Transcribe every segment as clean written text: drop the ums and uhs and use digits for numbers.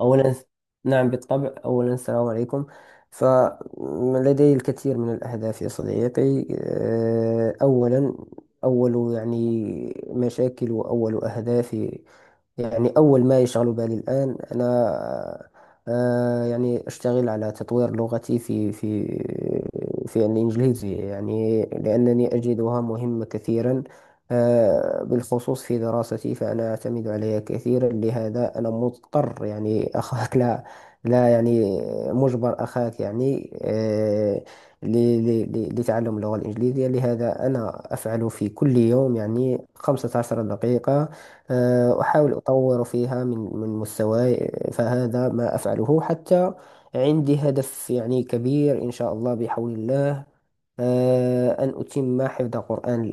أولا، نعم بالطبع، أولا السلام عليكم. فلدي الكثير من الأهداف يا صديقي. أولا، أول يعني مشاكل، وأول أهدافي، يعني أول ما يشغل بالي الآن أنا، يعني أشتغل على تطوير لغتي في الإنجليزية، يعني لأنني أجدها مهمة كثيرا، بالخصوص في دراستي، فأنا أعتمد عليها كثيرا. لهذا أنا مضطر، يعني أخاك لا لا، يعني مجبر أخاك يعني، ل- لتعلم اللغة الإنجليزية. لهذا أنا أفعل في كل يوم يعني 15 دقيقة، أحاول أطور فيها من مستواي، فهذا ما أفعله حتى. عندي هدف يعني كبير، إن شاء الله بحول الله، أن أتم حفظ القرآن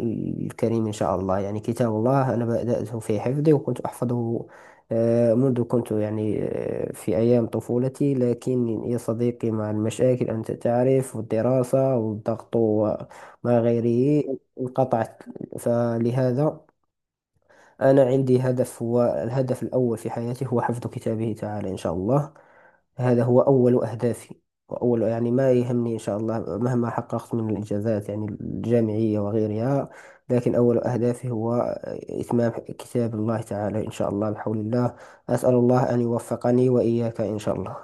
الكريم إن شاء الله. يعني كتاب الله أنا بدأته في حفظي، وكنت أحفظه منذ كنت يعني، في أيام طفولتي، لكن يا صديقي مع المشاكل أنت تعرف، والدراسة والضغط وما غيره انقطعت. فلهذا أنا عندي هدف، هو الهدف الأول في حياتي، هو حفظ كتابه تعالى إن شاء الله. هذا هو أول أهدافي، وأول يعني ما يهمني إن شاء الله، مهما حققت من الإنجازات يعني الجامعية وغيرها، لكن أول أهدافي هو إتمام كتاب الله تعالى إن شاء الله بحول الله. أسأل الله أن يوفقني وإياك إن شاء الله.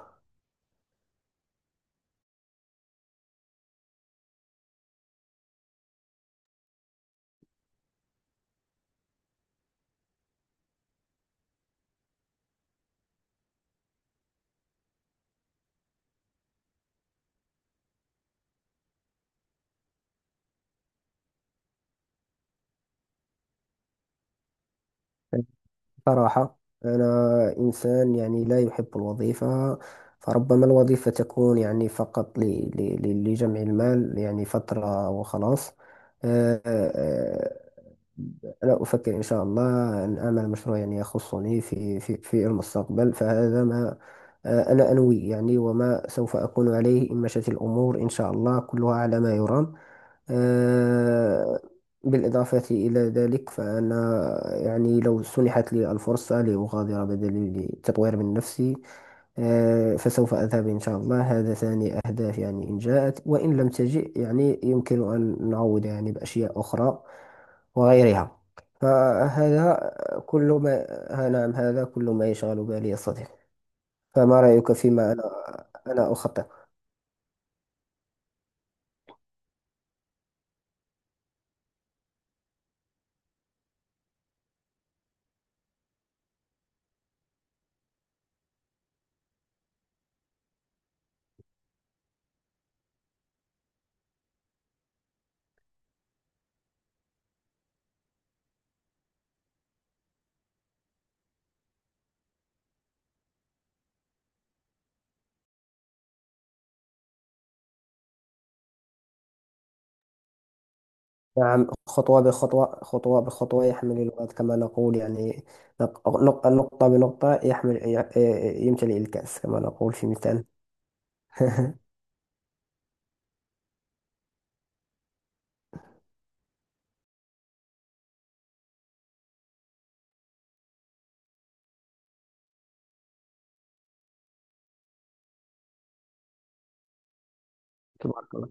صراحة أنا إنسان يعني لا يحب الوظيفة، فربما الوظيفة تكون يعني فقط لجمع المال، يعني فترة وخلاص. أنا أفكر إن شاء الله أن أعمل مشروع يعني يخصني في المستقبل. فهذا ما أنا أنوي، يعني وما سوف أكون عليه إن مشت الأمور إن شاء الله كلها على ما يرام. آه، بالإضافة إلى ذلك، فأنا يعني لو سنحت لي الفرصة لأغادر بدل لتطوير من نفسي، فسوف أذهب إن شاء الله. هذا ثاني أهداف يعني، إن جاءت وإن لم تجئ يعني يمكن أن نعوض يعني بأشياء أخرى وغيرها. فهذا كل ما، ها نعم، هذا كل ما يشغل بالي يا صديقي. فما رأيك فيما أنا أخطط؟ نعم، خطوة بخطوة، خطوة بخطوة يحمل الوقت كما نقول يعني. نقطة بنقطة يمتلئ الكأس كما نقول في مثال. تبارك الله،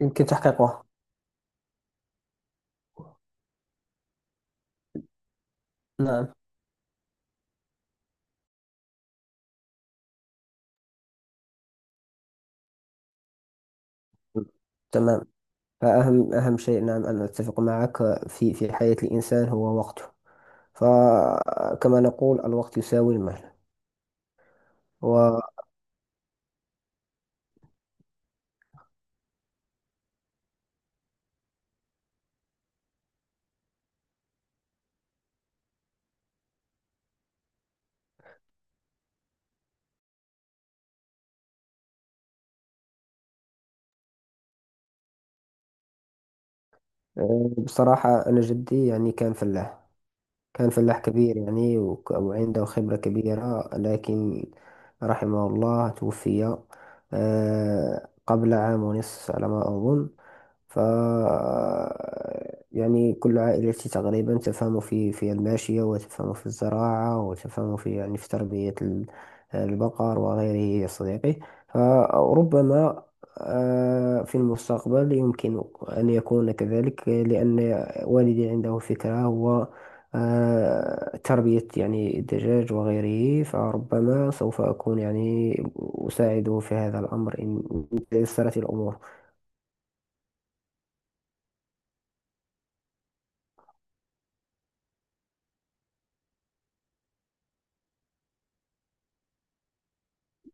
يمكن تحقيقه. نعم، تمام. فأهم شيء، نعم أنا أتفق معك، في حياة الإنسان هو وقته، فكما نقول الوقت يساوي المال. وبصراحة أنا جدي يعني كان فلاح كان فلاح كبير يعني، وعنده خبرة كبيرة، لكن رحمه الله توفي قبل عام ونصف على ما أظن. ف يعني كل عائلتي تقريبا تفهم في الماشية، وتفهم في الزراعة، وتفهم في يعني في تربية البقر وغيره يا صديقي. فربما في المستقبل يمكن أن يكون كذلك، لأن والدي عنده فكرة هو تربية يعني الدجاج وغيره. فربما سوف أكون يعني أساعده في هذا الأمر، إن تيسرت الأمور.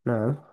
نعم،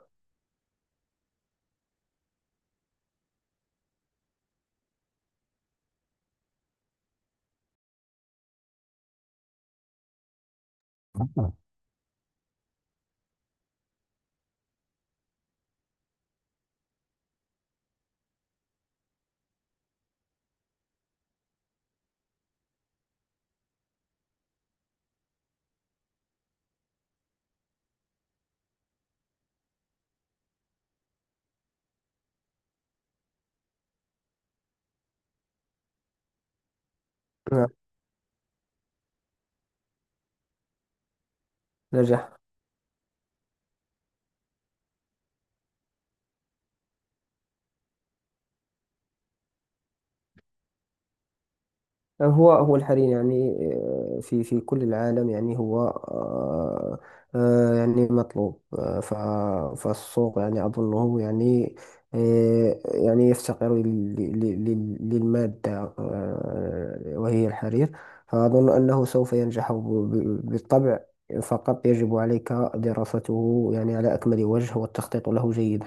نجح. هو هو الحريم يعني، في كل العالم، يعني هو، يعني مطلوب. فالسوق يعني أظنه يعني، يعني يفتقر للمادة، وهي الحرير. فأظن أنه سوف ينجح بالطبع. فقط يجب عليك دراسته يعني على أكمل وجه، والتخطيط له جيدا.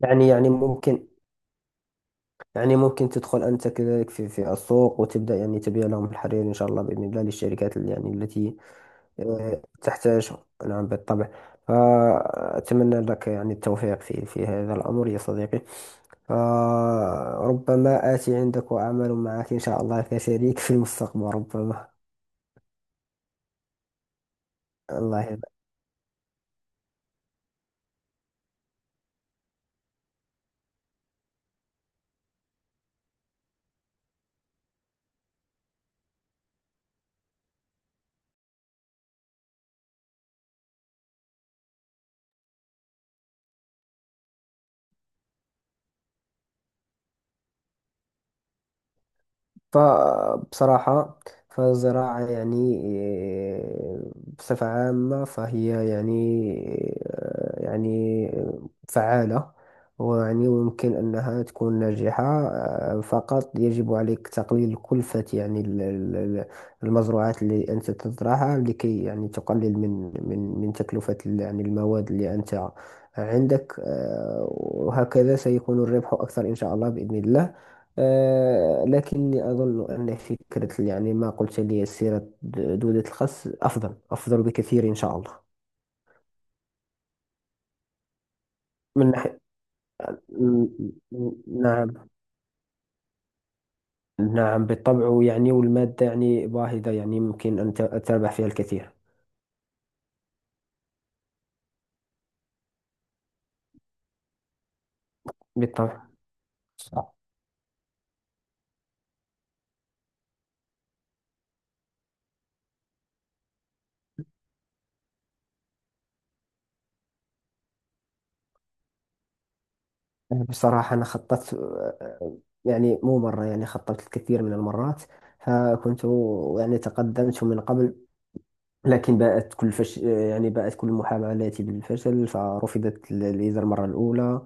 يعني ممكن، يعني ممكن تدخل أنت كذلك في السوق، وتبدأ يعني تبيع لهم الحرير إن شاء الله بإذن الله، للشركات اللي يعني التي تحتاجهم. نعم بالطبع. فأتمنى لك يعني التوفيق في هذا الأمر يا صديقي. فربما آتي عندك وأعمل معك إن شاء الله كشريك في المستقبل، ربما. الله يبارك. فبصراحة فالزراعة يعني، آه، بصفة عامة فهي يعني، يعني فعالة، ويعني ويمكن أنها تكون ناجحة. فقط يجب عليك تقليل كلفة يعني المزروعات اللي أنت تزرعها، لكي يعني تقلل من تكلفة يعني المواد اللي أنت عندك، وهكذا سيكون الربح أكثر إن شاء الله بإذن الله. لكني أظن أن فكرة يعني ما قلت لي، سيرة دودة الخس، أفضل أفضل بكثير إن شاء الله. من ناحية م- م- نعم. نعم بالطبع يعني، والمادة يعني باهظة، يعني ممكن أن تربح فيها الكثير بالطبع. صح. بصراحة أنا خططت، يعني مو مرة، يعني خططت الكثير من المرات. فكنت يعني تقدمت من قبل، لكن يعني بقت كل محاولاتي بالفشل. فرفضت الفيزا المرة الأولى،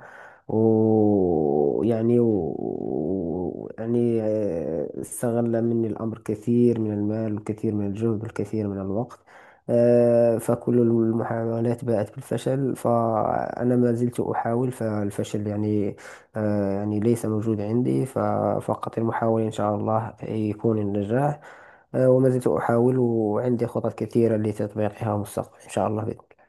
ويعني يعني استغل مني الأمر كثير من المال، والكثير من الجهد، والكثير من الوقت. فكل المحاولات باءت بالفشل، فأنا ما زلت أحاول. فالفشل يعني، يعني ليس موجود عندي، ففقط المحاولة إن شاء الله يكون النجاح. وما زلت أحاول، وعندي خطط كثيرة لتطبيقها مستقبلا إن شاء الله.